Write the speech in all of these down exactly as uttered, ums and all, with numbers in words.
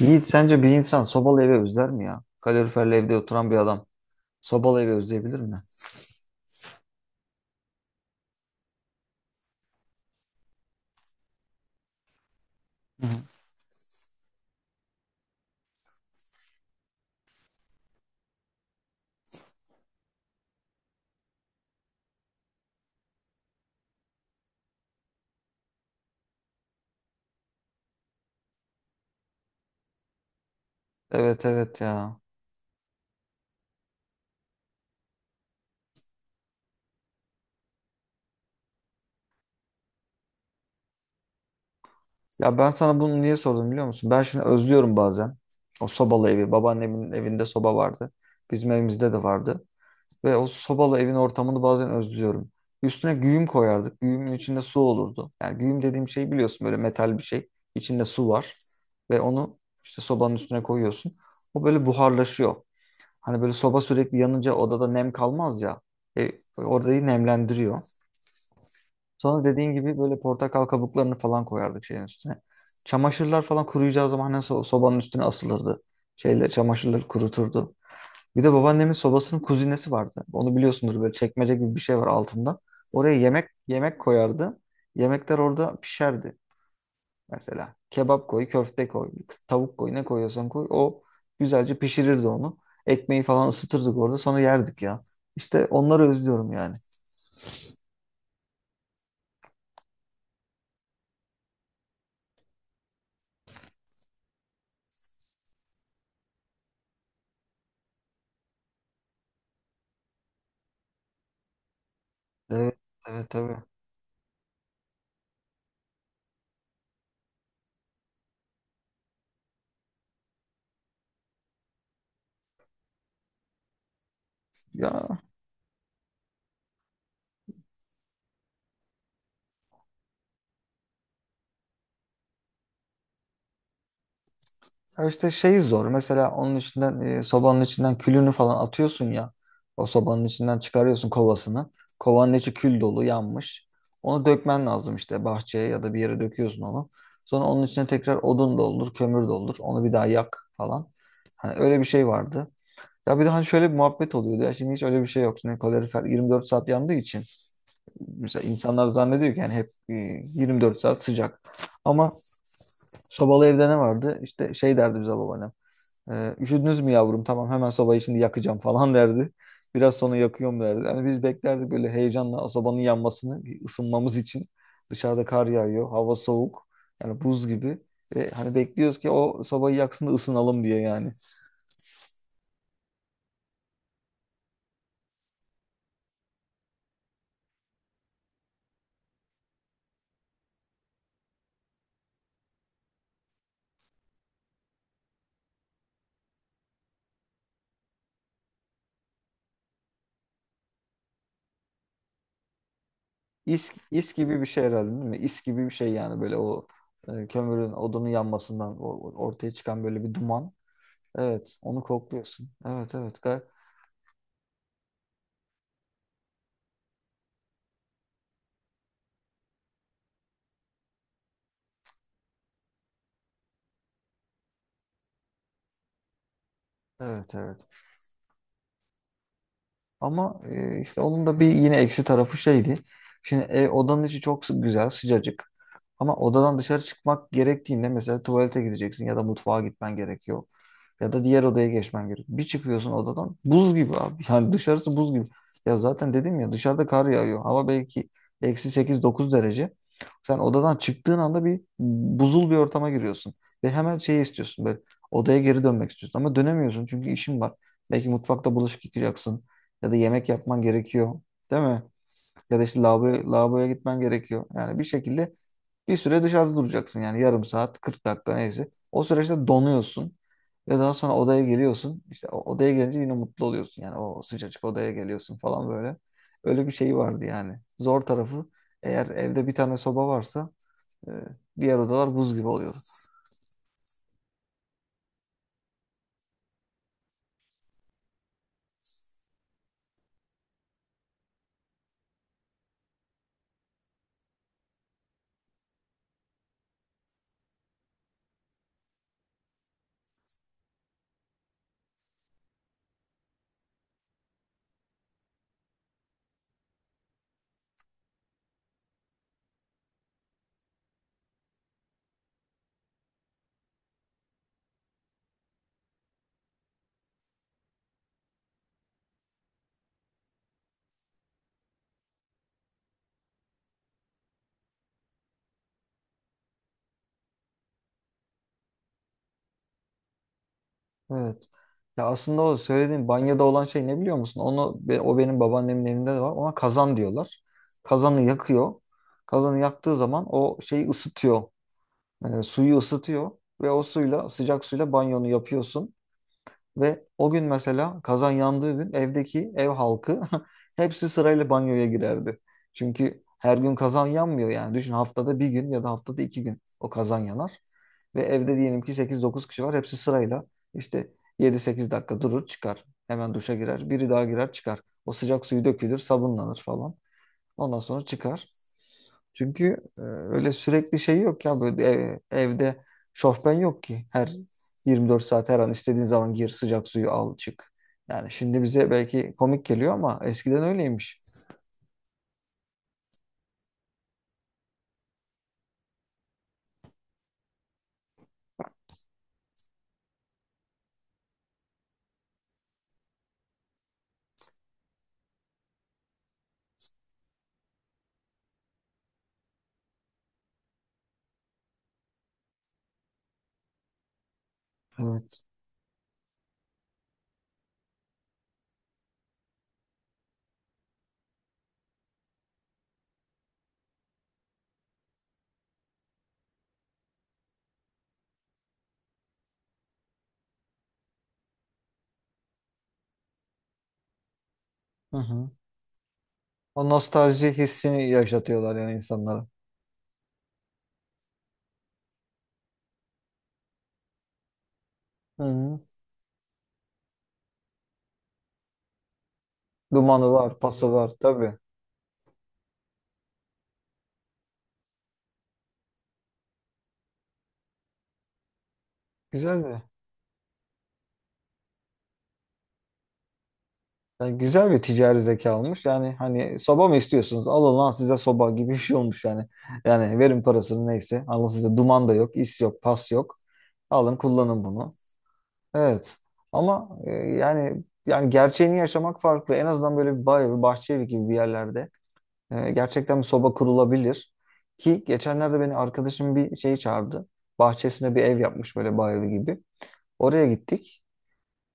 Yiğit sence bir insan sobalı evi özler mi ya? Kaloriferli evde oturan bir adam sobalı evi özleyebilir mi? Hı hı. Evet evet ya. Ya ben sana bunu niye sordum biliyor musun? Ben şimdi özlüyorum bazen. O sobalı evi. Babaannemin evinde soba vardı. Bizim evimizde de vardı. Ve o sobalı evin ortamını bazen özlüyorum. Üstüne güğüm koyardık. Güğümün içinde su olurdu. Yani güğüm dediğim şey biliyorsun böyle metal bir şey. İçinde su var. Ve onu işte sobanın üstüne koyuyorsun. O böyle buharlaşıyor. Hani böyle soba sürekli yanınca odada nem kalmaz ya. E, Orayı nemlendiriyor. Sonra dediğin gibi böyle portakal kabuklarını falan koyardık şeyin üstüne. Çamaşırlar falan kuruyacağı zaman hani so- sobanın üstüne asılırdı. Şeyler, çamaşırları kuruturdu. Bir de babaannemin sobasının kuzinesi vardı. Onu biliyorsundur böyle çekmece gibi bir şey var altında. Oraya yemek yemek koyardı. Yemekler orada pişerdi. Mesela kebap koy, köfte koy, tavuk koy, ne koyuyorsan koy. O güzelce pişirirdi onu. Ekmeği falan ısıtırdık orada sonra yerdik ya. İşte onları özlüyorum yani. Evet, evet tabii. Ya, ya işte şey zor. Mesela onun içinden e, sobanın içinden külünü falan atıyorsun ya. O sobanın içinden çıkarıyorsun kovasını. Kovanın içi kül dolu yanmış. Onu dökmen lazım işte bahçeye ya da bir yere döküyorsun onu. Sonra onun içine tekrar odun doldur, kömür doldur. Onu bir daha yak falan. Hani öyle bir şey vardı. Ya bir de hani şöyle bir muhabbet oluyordu. Ya şimdi hiç öyle bir şey yok. Şimdi kalorifer yirmi dört saat yandığı için mesela insanlar zannediyor ki yani hep e, yirmi dört saat sıcak. Ama sobalı evde ne vardı? İşte şey derdi bize babaannem. E, üşüdünüz mü yavrum? Tamam hemen sobayı şimdi yakacağım falan derdi. Biraz sonra yakıyorum derdi. Yani biz beklerdik böyle heyecanla sobanın yanmasını, bir ısınmamız için. Dışarıda kar yağıyor, hava soğuk. Yani buz gibi. Ve hani bekliyoruz ki o sobayı yaksın da ısınalım diye yani. İS, is gibi bir şey herhalde değil mi? İs gibi bir şey yani böyle o e, kömürün odunun yanmasından o- o- ortaya çıkan böyle bir duman. Evet, onu kokluyorsun. Evet, evet. Gay evet, evet. Ama e, işte onun da bir yine eksi tarafı şeydi. Şimdi ev, odanın içi çok sı- güzel, sıcacık. Ama odadan dışarı çıkmak gerektiğinde mesela tuvalete gideceksin ya da mutfağa gitmen gerekiyor. Ya da diğer odaya geçmen gerek. Bir çıkıyorsun odadan buz gibi abi. Yani dışarısı buz gibi. Ya zaten dedim ya dışarıda kar yağıyor. Hava belki eksi sekiz dokuz derece. Sen odadan çıktığın anda bir buzul bir ortama giriyorsun. Ve hemen şey istiyorsun böyle odaya geri dönmek istiyorsun. Ama dönemiyorsun çünkü işin var. Belki mutfakta bulaşık yıkayacaksın. Ya da yemek yapman gerekiyor. Değil mi? Ya da işte lavabo, lavaboya gitmen gerekiyor. Yani bir şekilde bir süre dışarıda duracaksın yani yarım saat, kırk dakika neyse. O süreçte donuyorsun ve daha sonra odaya geliyorsun. İşte o odaya gelince yine mutlu oluyorsun yani o sıcacık odaya geliyorsun falan böyle. Öyle bir şey vardı yani. Zor tarafı eğer evde bir tane soba varsa e, diğer odalar buz gibi oluyor. Evet. Ya aslında o söylediğin banyoda olan şey ne biliyor musun? Onu be- o benim babaannemin evinde de var. Ona kazan diyorlar. Kazanı yakıyor. Kazanı yaktığı zaman o şeyi ısıtıyor. E, suyu ısıtıyor ve o suyla sıcak suyla banyonu yapıyorsun ve o gün mesela kazan yandığı gün evdeki ev halkı hepsi sırayla banyoya girerdi. Çünkü her gün kazan yanmıyor yani. Düşün haftada bir gün ya da haftada iki gün o kazan yanar. Ve evde diyelim ki sekiz dokuz kişi var. Hepsi sırayla işte yedi sekiz dakika durur çıkar. Hemen duşa girer. Biri daha girer çıkar. O sıcak suyu dökülür, sabunlanır falan. Ondan sonra çıkar. Çünkü e, öyle sürekli şey yok ya böyle ev- evde şofben yok ki. Her yirmi dört saat her an istediğin zaman gir sıcak suyu al çık. Yani şimdi bize belki komik geliyor ama eskiden öyleymiş. Evet. Hı hı. O nostalji hissini yaşatıyorlar yani insanlara. Hı hı. Dumanı var, pası var tabii. Güzel bir yani güzel bir ticari zeka olmuş. Yani hani soba mı istiyorsunuz? Alın lan size soba gibi bir şey olmuş yani. Yani verin parasını neyse. Alın size duman da yok, is yok, pas yok. Alın kullanın bunu. Evet. Ama e, yani yani gerçeğini yaşamak farklı. En azından böyle bir bay, bir bahçe evi gibi bir yerlerde e, gerçekten bir soba kurulabilir. Ki geçenlerde beni arkadaşım bir şey çağırdı. Bahçesine bir ev yapmış böyle bay evi gibi. Oraya gittik.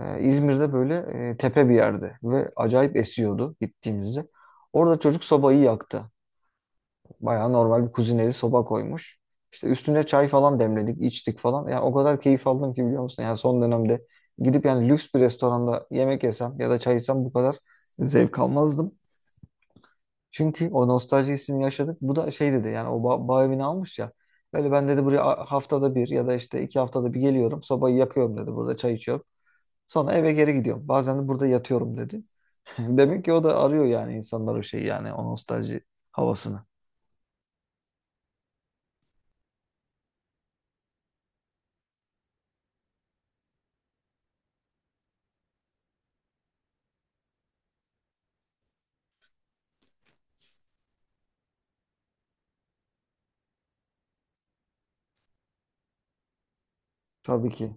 E, İzmir'de böyle e, tepe bir yerde ve acayip esiyordu gittiğimizde. Orada çocuk sobayı yaktı. Bayağı normal bir kuzineli soba koymuş. İşte üstüne çay falan demledik, içtik falan. Ya o kadar keyif aldım ki biliyor musun? Yani son dönemde gidip yani lüks bir restoranda yemek yesem ya da çay içsem bu kadar zevk almazdım. Çünkü o nostalji hissini yaşadık. Bu da şey dedi yani o ba bağ evini almış ya. Öyle ben dedi buraya a- haftada bir ya da işte iki haftada bir geliyorum. Sobayı yakıyorum dedi. Burada çay içiyorum. Sonra eve geri gidiyorum. Bazen de burada yatıyorum dedi. Demek ki o da arıyor yani insanlar o şeyi yani o nostalji havasını. Tabii ki.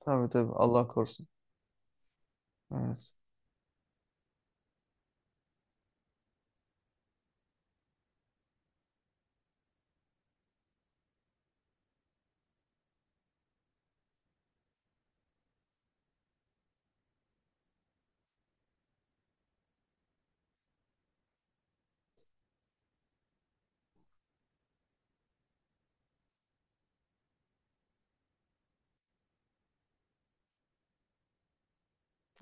Tabii tabii. Allah korusun. Evet.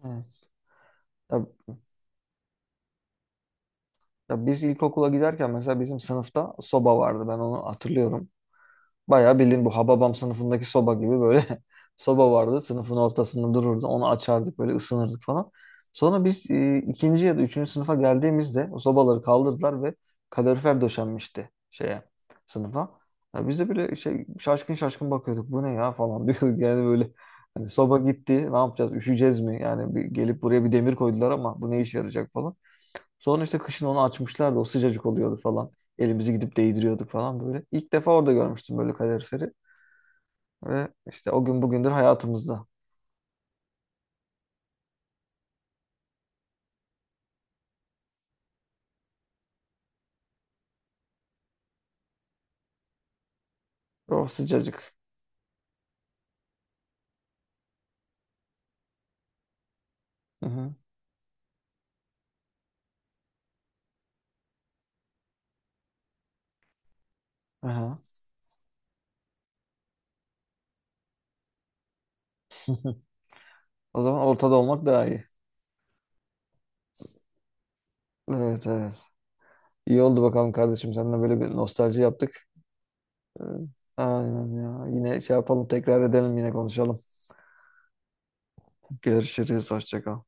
Evet. Ya, ya biz ilkokula giderken mesela bizim sınıfta soba vardı. Ben onu hatırlıyorum. Bayağı bildiğin bu Hababam sınıfındaki soba gibi böyle soba vardı. Sınıfın ortasında dururdu. Onu açardık böyle ısınırdık falan. Sonra biz e, ikinci ya da üçüncü sınıfa geldiğimizde o sobaları kaldırdılar ve kalorifer döşenmişti şeye sınıfa. Ya biz de böyle şey şaşkın şaşkın bakıyorduk. Bu ne ya falan diyorduk. Yani böyle hani soba gitti ne yapacağız üşüyeceğiz mi? Yani bir, gelip buraya bir demir koydular ama bu ne işe yarayacak falan. Sonra işte kışın onu açmışlardı. O sıcacık oluyordu falan. Elimizi gidip değdiriyorduk falan böyle. İlk defa orada görmüştüm böyle kaloriferi. Ve işte o gün bugündür hayatımızda. O sıcacık. Hı hı. Aha. O zaman ortada olmak daha iyi. Evet evet. İyi oldu bakalım kardeşim. Seninle böyle bir nostalji yaptık. Evet. Aynen ya. Yine şey yapalım tekrar edelim yine konuşalım. Görüşürüz. Hoşça kal.